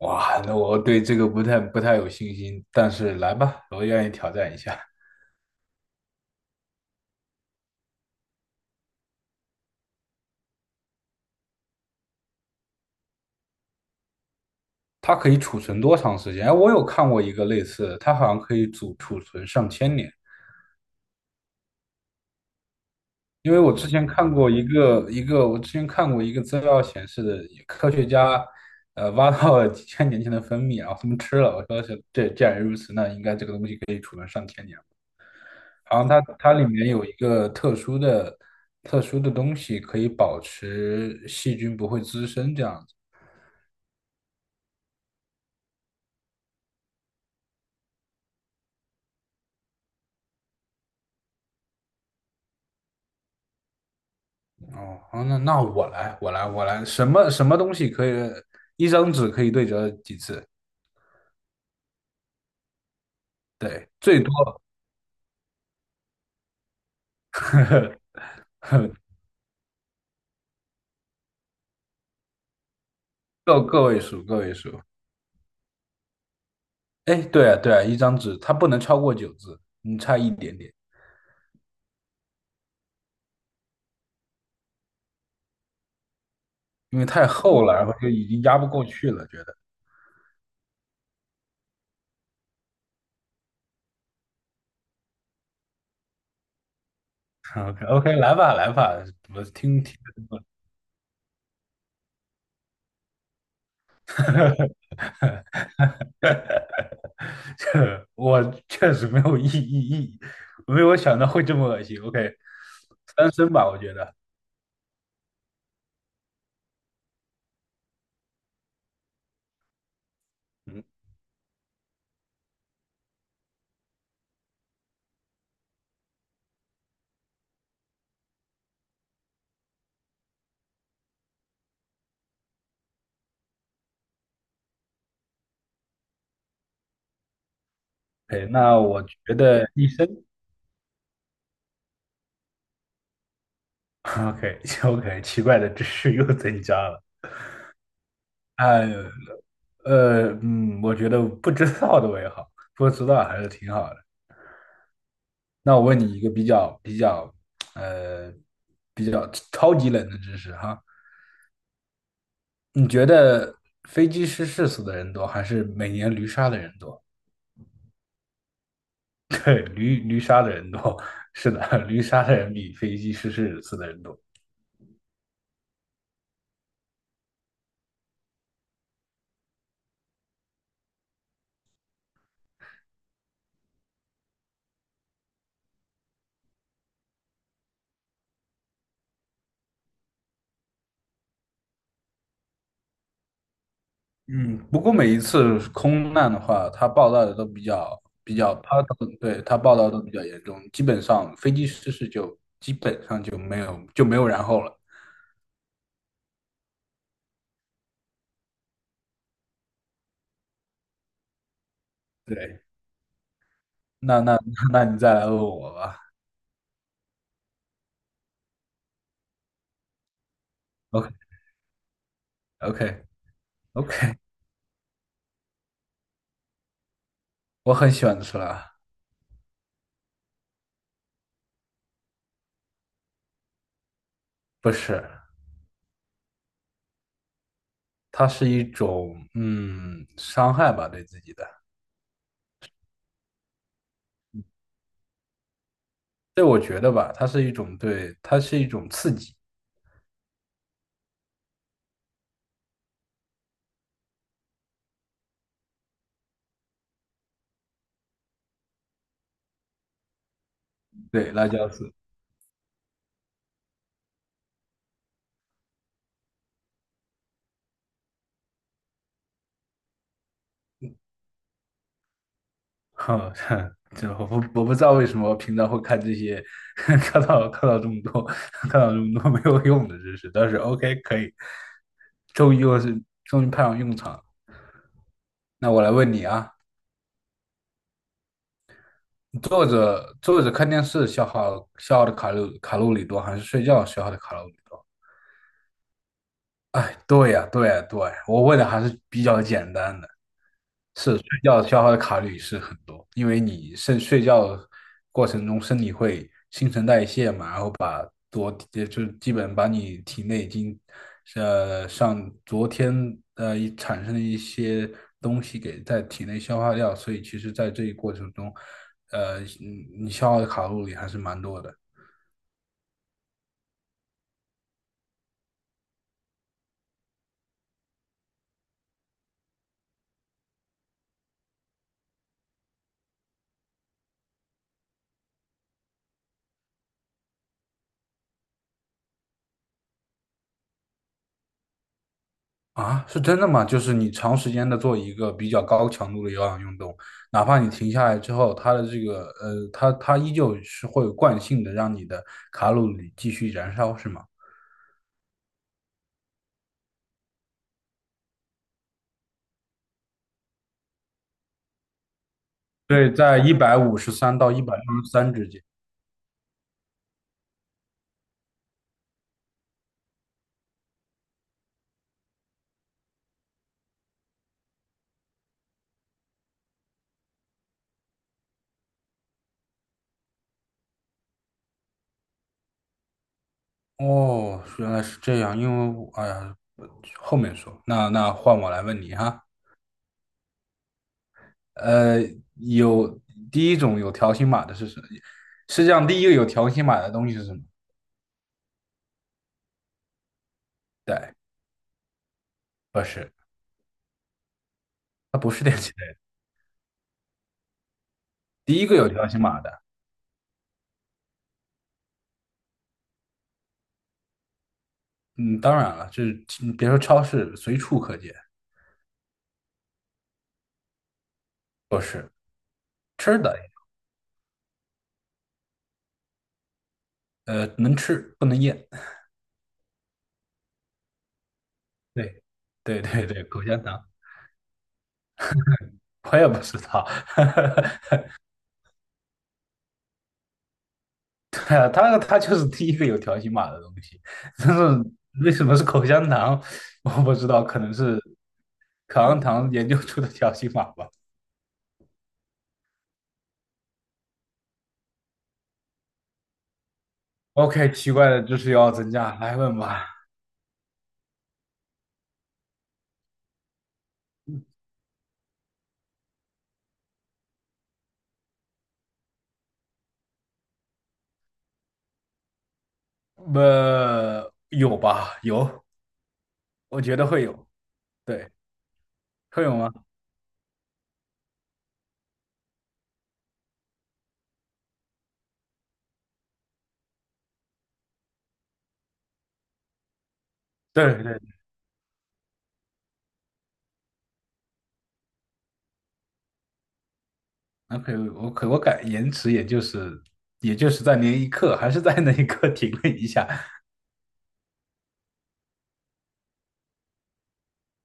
哇，那我对这个不太有信心，但是来吧，我愿意挑战一下。它可以储存多长时间？哎，我有看过一个类似的，它好像可以储存上千年。因为我之前看过一个资料显示的。科学家挖到了几千年前的蜂蜜，然后他们吃了。我说是这，既然如此，那应该这个东西可以储存上千年。好像它里面有一个特殊的东西，可以保持细菌不会滋生这样子。哦，好，那我来，什么什么东西可以一张纸可以对折几次？对，最多。 个位数，个位数。哎，对啊，对啊，一张纸它不能超过九字，你差一点点，因为太厚了，然后就已经压不过去了，觉得。OK， OK，来吧，来吧，我听听。这我确实没有意意意，没有想到会这么恶心。OK，三声吧，我觉得。嗯 那我觉得医生，OK，OK。奇怪的知识又增加了。哎，我觉得不知道的为好，不知道还是挺好的。那我问你一个呃，比较超级冷的知识哈。你觉得飞机失事死的人多，还是每年驴杀的人多？对，驴杀的人多，是的，驴杀的人比飞机失事死的人多。嗯，不过每一次空难的话，它报道的都比较，它对。它报道都比较严重，基本上飞机失事就基本上就没有然后了。对，那 那你再来问我吧。OK， OK， OK，我很喜欢吃辣。不是，它是一种伤害吧，对自己的。对，我觉得吧，它是一种对，它是一种刺激。对，辣椒丝。哼。这我不知道为什么平常会看这些，看到这么多，看到这么多没有用的知识，但是 OK 可以，终于派上用场了。那我来问你啊。坐着坐着看电视消耗的卡路里多，还是睡觉消耗的卡路里多？哎，对呀，对呀，对，我问的还是比较简单的。要消耗的卡路里是很多，因为你睡觉过程中身体会新陈代谢嘛，然后把也就是基本把你体内已经上昨天产生的一些东西给在体内消化掉，所以其实在这一过程中，你消耗的卡路里还是蛮多的。啊，是真的吗？就是你长时间的做一个比较高强度的有氧运动，哪怕你停下来之后，它的这个呃，它它依旧是会有惯性的让你的卡路里继续燃烧，是吗？对，在153到163之间。哦，原来是这样，因为我哎呀，后面说，那换我来问你哈。呃，有第一种有条形码的是什么？世界上第一个有条形码的东西是什么？对，不是，它不是电器类的，第一个有条形码的。嗯，当然了，就是你别说超市，随处可见都是吃的。能吃不能咽。对，对对对，口香糖，我也不知道。对啊，它就是第一个有条形码的东西，但是为什么是口香糖，我不知道，可能是口香糖研究出的条形码吧。OK，奇怪的知识又要增加，来问吧。有吧？有，我觉得会有。对，会有吗？对对，那可以我感延迟，也就是在那一刻，还是在那一刻停了一下。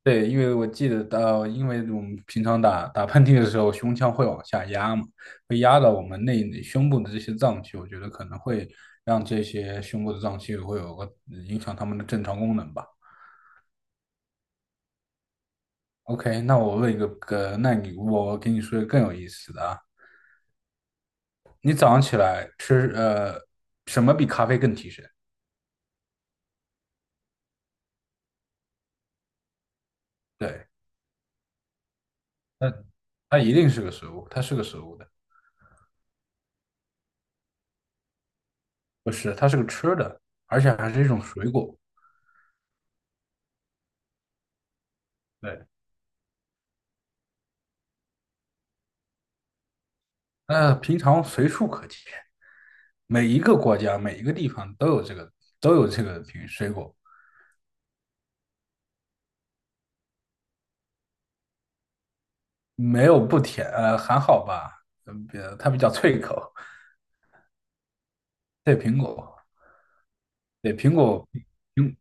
对，因为我记得到，因为我们平常打喷嚏的时候，胸腔会往下压嘛，会压到我们内胸部的这些脏器，我觉得可能会让这些胸部的脏器会有个影响它们的正常功能吧。OK，那我问一个，我给你说一个更有意思的啊。你早上起来什么比咖啡更提神？对，那它一定是个食物，它是个食物的。不是，它是个吃的，而且还是一种水果。对，那平常随处可见，每一个国家、每一个地方都有这个水果。没有不甜，还好吧，比它比较脆口。对，苹果，对，苹果，苹，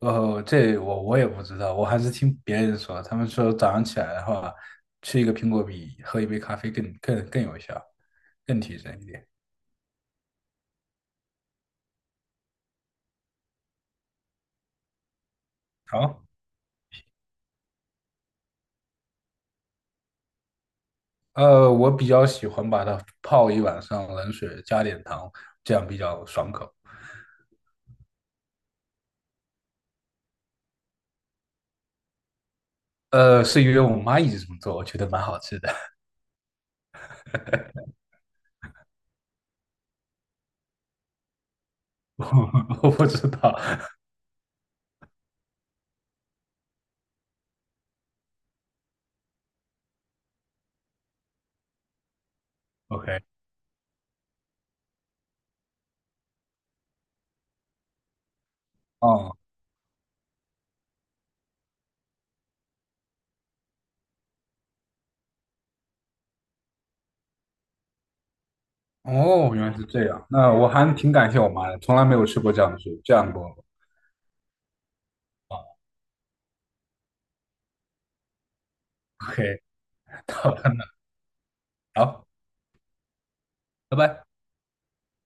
这我也不知道，我还是听别人说，他们说早上起来的话，吃一个苹果比喝一杯咖啡更有效，更提神一点。好。我比较喜欢把它泡一晚上冷水，加点糖，这样比较爽口。是因为我妈一直这么做，我觉得蛮好吃的。我不知道。OK，哦哦，原来是这样。那我还挺感谢我妈的，从来没有吃过这样的水，这样过。哦 OK，到了，好，拜拜。